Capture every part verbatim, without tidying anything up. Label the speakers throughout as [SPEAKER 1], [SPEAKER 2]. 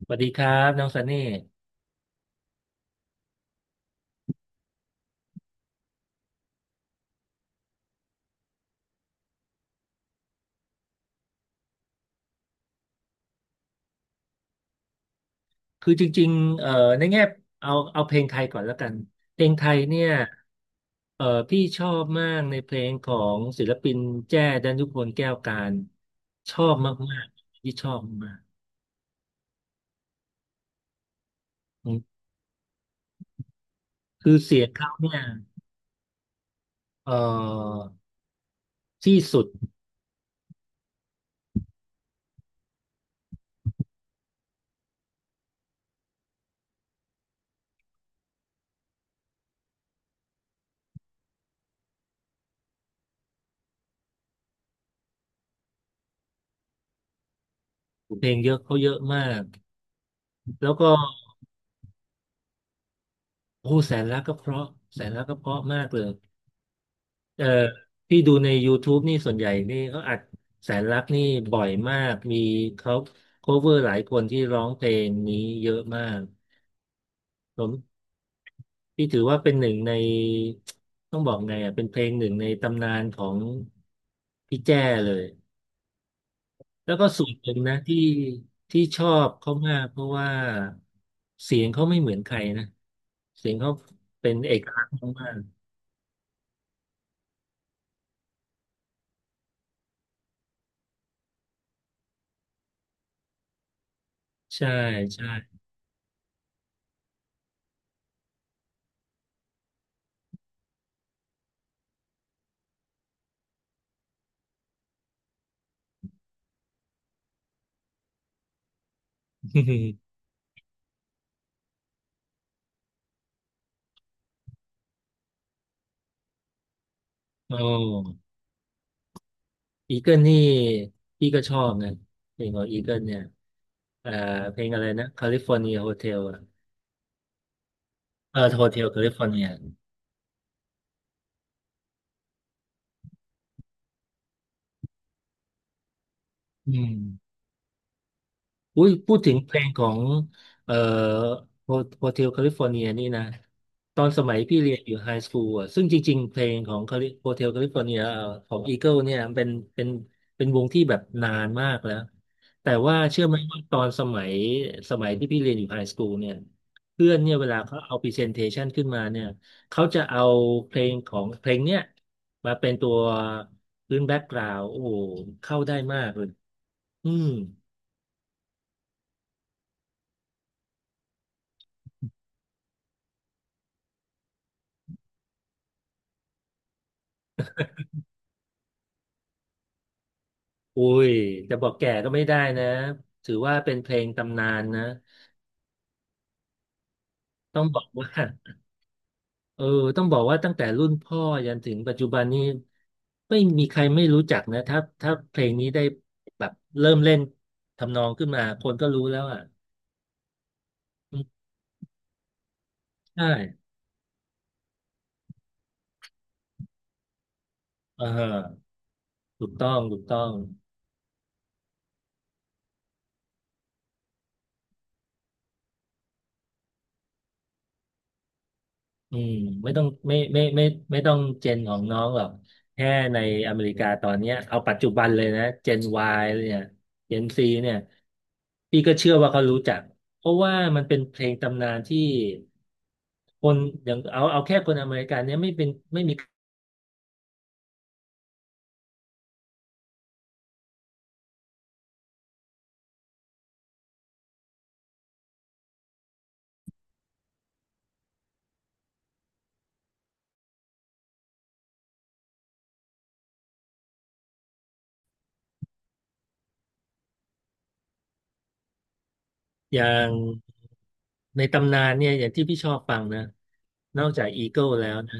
[SPEAKER 1] สวัสดีครับน้องซันนี่คือจริงๆเอ่อในแง่เอาเอาเพลงไทยก่อนแล้วกันเพลงไทยเนี่ยเอ่อพี่ชอบมากในเพลงของศิลปินแจ้ดันยุพลแก้วการชอบมากๆที่ชอบมากอืมคือเสียงเขาเนี่ยเอ่อที่สุดเพลงเยอะเขาเยอะมากแล้วก็โอ้โหแสนรักก็เพราะแสนรักก็เพราะมากเลย เออพี่ดูใน YouTube นี่ส่วนใหญ่นี่เขาอัดแสนรักนี่บ่อยมากมีเขา cover หลายคนที่ร้องเพลงนี้เยอะมากผมพี่ถือว่าเป็นหนึ่งในต้องบอกไงอ่ะเป็นเพลงหนึ่งในตำนานของพี่แจ้เลยแล้วก็ส่วนหนึ่งนะที่ที่ชอบเขามากเพราะว่าเสียงเขาไม่เหมือนใครนะเสียงเขาเป็นเอกลักษณ์มากๆใช่ใช่ โอ้ อีเกิลนี่พี่ก็ชอบนะเพลงของอีเกิลเนี่ยเอ่อเพลงอะไรนะแคลิฟอร์เนียโฮเทลอ่ะเออโฮเทลแคลิฟอร์เนียอืม อุ้ยพูดถึงเพลงของเอ่อโฮเทลแคลิฟอร์เนียนี่นะตอนสมัยพี่เรียนอยู่ไฮสคูลอ่ะซึ่งจริงๆเพลงของโฮเทลแคลิฟอร์เนียของอีเกิลเนี่ยเป็นเป็นเป็นวงที่แบบนานมากแล้วแต่ว่าเชื่อไหมว่าตอนสมัยสมัยที่พี่เรียนอยู่ไฮสคูลเนี่ยเพื่อนเนี่ยเวลาเขาเอาพรีเซนเทชันขึ้นมาเนี่ยเขาจะเอาเพลงของเพลงเนี่ยมาเป็นตัวพื้นแบ็กกราวด์โอ้โหเข้าได้มากเลยอืม อุ้ยจะบอกแก่ก็ไม่ได้นะถือว่าเป็นเพลงตำนานนะต้องบอกว่า เออต้องบอกว่าตั้งแต่รุ่นพ่อยันถึงปัจจุบันนี้ไม่มีใครไม่รู้จักนะถ้าถ้าเพลงนี้ได้แบบเริ่มเล่นทำนองขึ้นมาคนก็รู้แล้วอ่ะอืมใช่อ่าฮะถูกต้องถูกต้อง อืมไม่ต้องไม่ไม่ไม่ไม่ไม่ต้องเจนของน้องหรอกแค่ในอเมริกาตอนเนี้ยเอาปัจจุบันเลยนะเจน Y เนี่ยเจน C เนี่ยพี่ก็เชื่อว่าเขารู้จักเพราะว่ามันเป็นเพลงตำนานที่คนอย่างเอาเอาแค่คนอเมริกันเนี่ยไม่เป็นไม่มีอย่างในตำนานเนี่ยอย่างที่พี่ชอบฟังนะนอกจาก Eagle แล้วนะ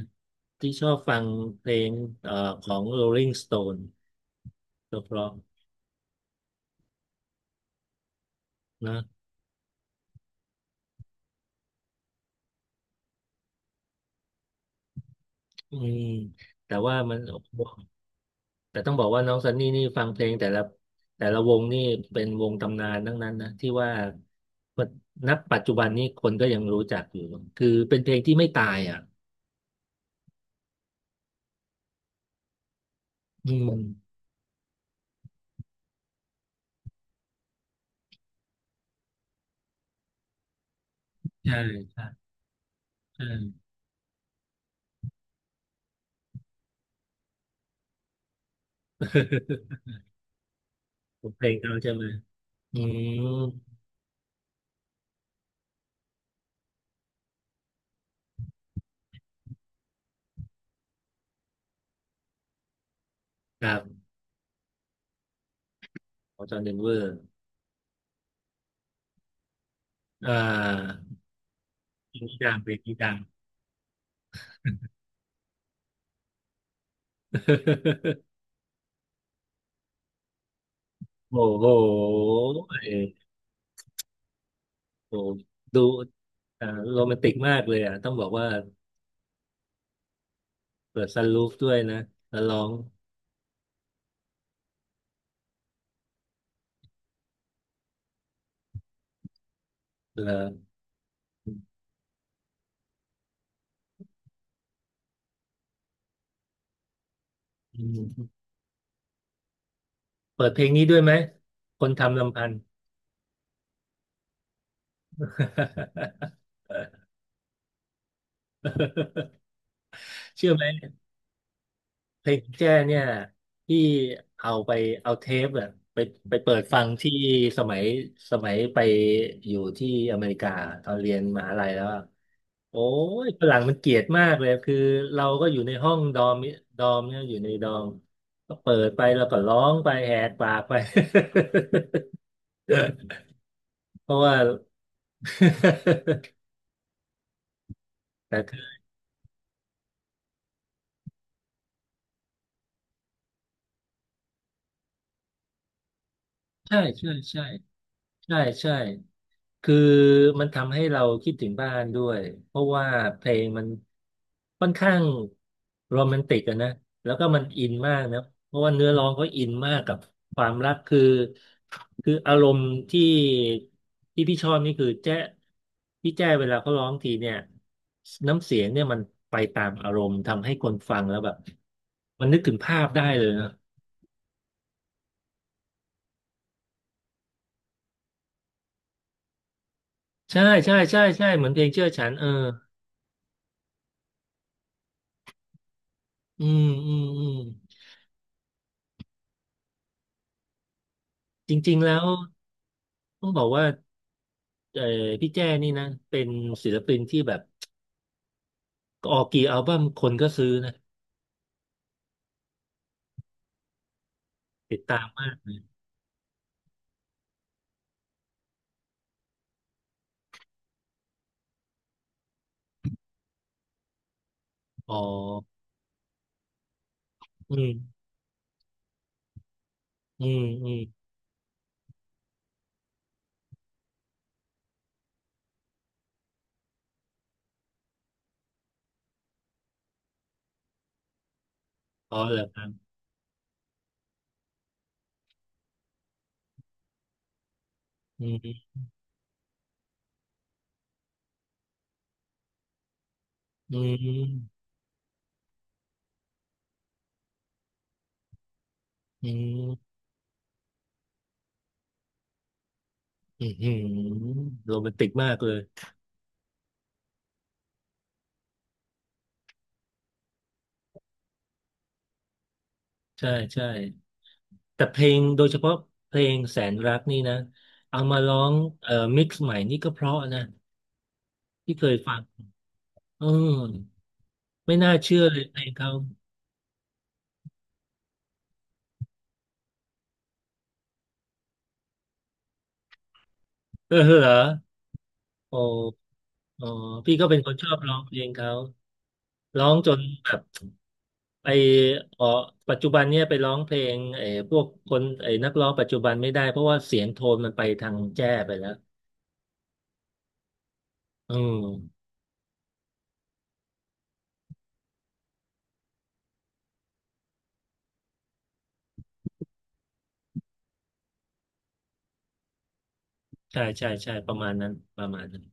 [SPEAKER 1] ที่ชอบฟังเพลงเอ่อของ Rolling Stone ก็เพราะนะอืมแต่ว่ามัน แต่ต้องบอกว่าน้องซันนี่นี่ฟังเพลงแต่ละแต่ละวงนี่เป็นวงตำนานทั้งนั้นนะที่ว่านับปัจจุบันนี้คนก็ยังรู้จักอยู่คือเป็นเพลงที่ไม่ตายอ่ะอืมใช่ใช่ใช่ เพลงเขาใช่ไหมอืมครับของจอห์นเดนเวอร์อ่าเพลงนี้ดังเพลงนี้ดัง โอ้โหเออโอ้ดูอ่าโรแมนติกมากเลยอ่ะต้องบอกว่าเปิดซันรูฟด้วยนะแล้วร้องเหรอ อืมเปิดเพลงนี้ด้วยไหมคนทำลำพันธ์ เชื่อไหมเพลงแจ้เนี่ยที่เอาไปเอาเทปอะไปไปเปิดฟังที่สมัยสมัยไปอยู่ที่อเมริกาตอนเรียนมหาลัยแล้วอะโอ้ยฝรั่งมันเกลียดมากเลยคือเราก็อยู่ในห้องดอมดอมเนี่ยอยู่ในดอมก็เปิดไปแล้วก็ร้องไปแหกปากไป เพราะว่า แต่คือใช่ใช่ใช่ ใช่ใช่คือมันทำให้เราคิดถึงบ้านด้วยเพราะว่าเพลงมันค่อนข้างโรแมนติกอะนะแล้วก็มันอินมากนะเพราะว่าเนื้อร้องก็อินมากกับความรักคือคืออารมณ์ที่ที่พี่ชอบนี่คือแจ๊พี่แจ้เวลาเขาร้องทีเนี่ยน้ำเสียงเนี่ยมันไปตามอารมณ์ทำให้คนฟังแล้วแบบมันนึกถึงภาพได้เลยนะใช่ใช่ใช่ใช่เหมือนเพลงเชื่อฉันเอออืมอืมอืม จริงๆแล้วต้องบอกว่าเออพี่แจ้นี่นะเป็นศิลปินที่แบบออกกี่อัลบั้มคนก็ซื้อนะติดตามมากอ๋ออืมอืมอืมอ๋อเหรอครับอืมอืมอืมอืมอืมโรแมนติกมากเลยใช่ใช่แต่เพลงโดยเฉพาะเพลงแสนรักนี่นะเอามาร้องเอ่อมิกซ์ใหม่นี่ก็เพราะนะที่เคยฟังอืมไม่น่าเชื่อเลยเพลงเขาเออเหรอโอ้ อ๋อพี่ก็เป็นคนชอบร้องเพลงเขาร้องจนแบบไปออกปัจจุบันเนี่ยไปร้องเพลงไอ้พวกคนไอ้นักร้องปัจจุบันไม่ได้เพราะว่าเสียงโทนมันไปทางแจ้ไปแล้วอืมใช่ใช่ใช่ประมาณนั้น ประมาณนั้น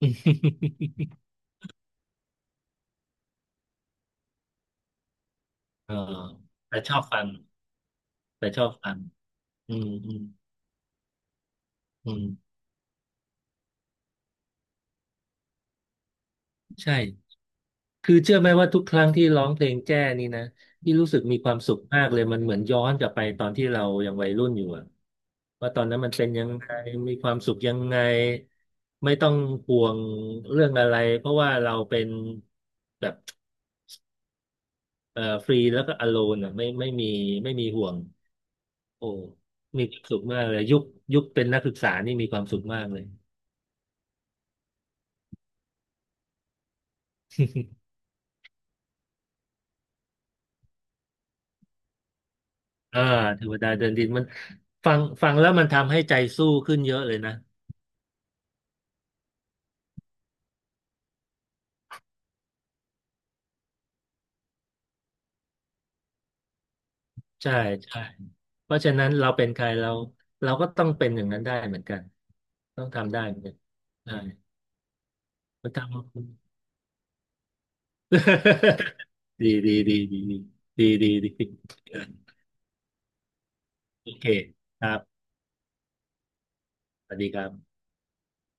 [SPEAKER 1] เออแต่ชอบฟังแต่ชอบฟังอืมอืมอืมใช่ คือเชื่อไหมว่าทุกครั้งที่ร้องเพลงแจ้นี่นะที่รู้สึกมีความสุขมากเลยมันเหมือนย้อนกลับไปตอนที่เรายังวัยรุ่นอยู่อะว่าตอนนั้นมันเป็นยังไงมีความสุขยังไงไม่ต้องห่วงเรื่องอะไรเพราะว่าเราเป็นแบบเอ่อฟรีแล้วก็อโลนอะไม่ไม่มีไม่มีห่วงโอ้มีความสุขมากเลยยุคยุคเป็นนักศึกษานี่มีความสุขมากเลยอ่าเทวดาเดินดินมันฟังฟังแล้วมันทำให้ใจสู้ขึ้นเยอะเลยนะ ใช่ใช่เพราะฉะนั้นเราเป็นใครเราเราก็ต้องเป็นอย่างนั้นได้เหมือนกันต้องทำได้เหมือนกันใช่มันทำ ดีดีดีดีดีดีดีดีโอเคครับสวัสดีครับ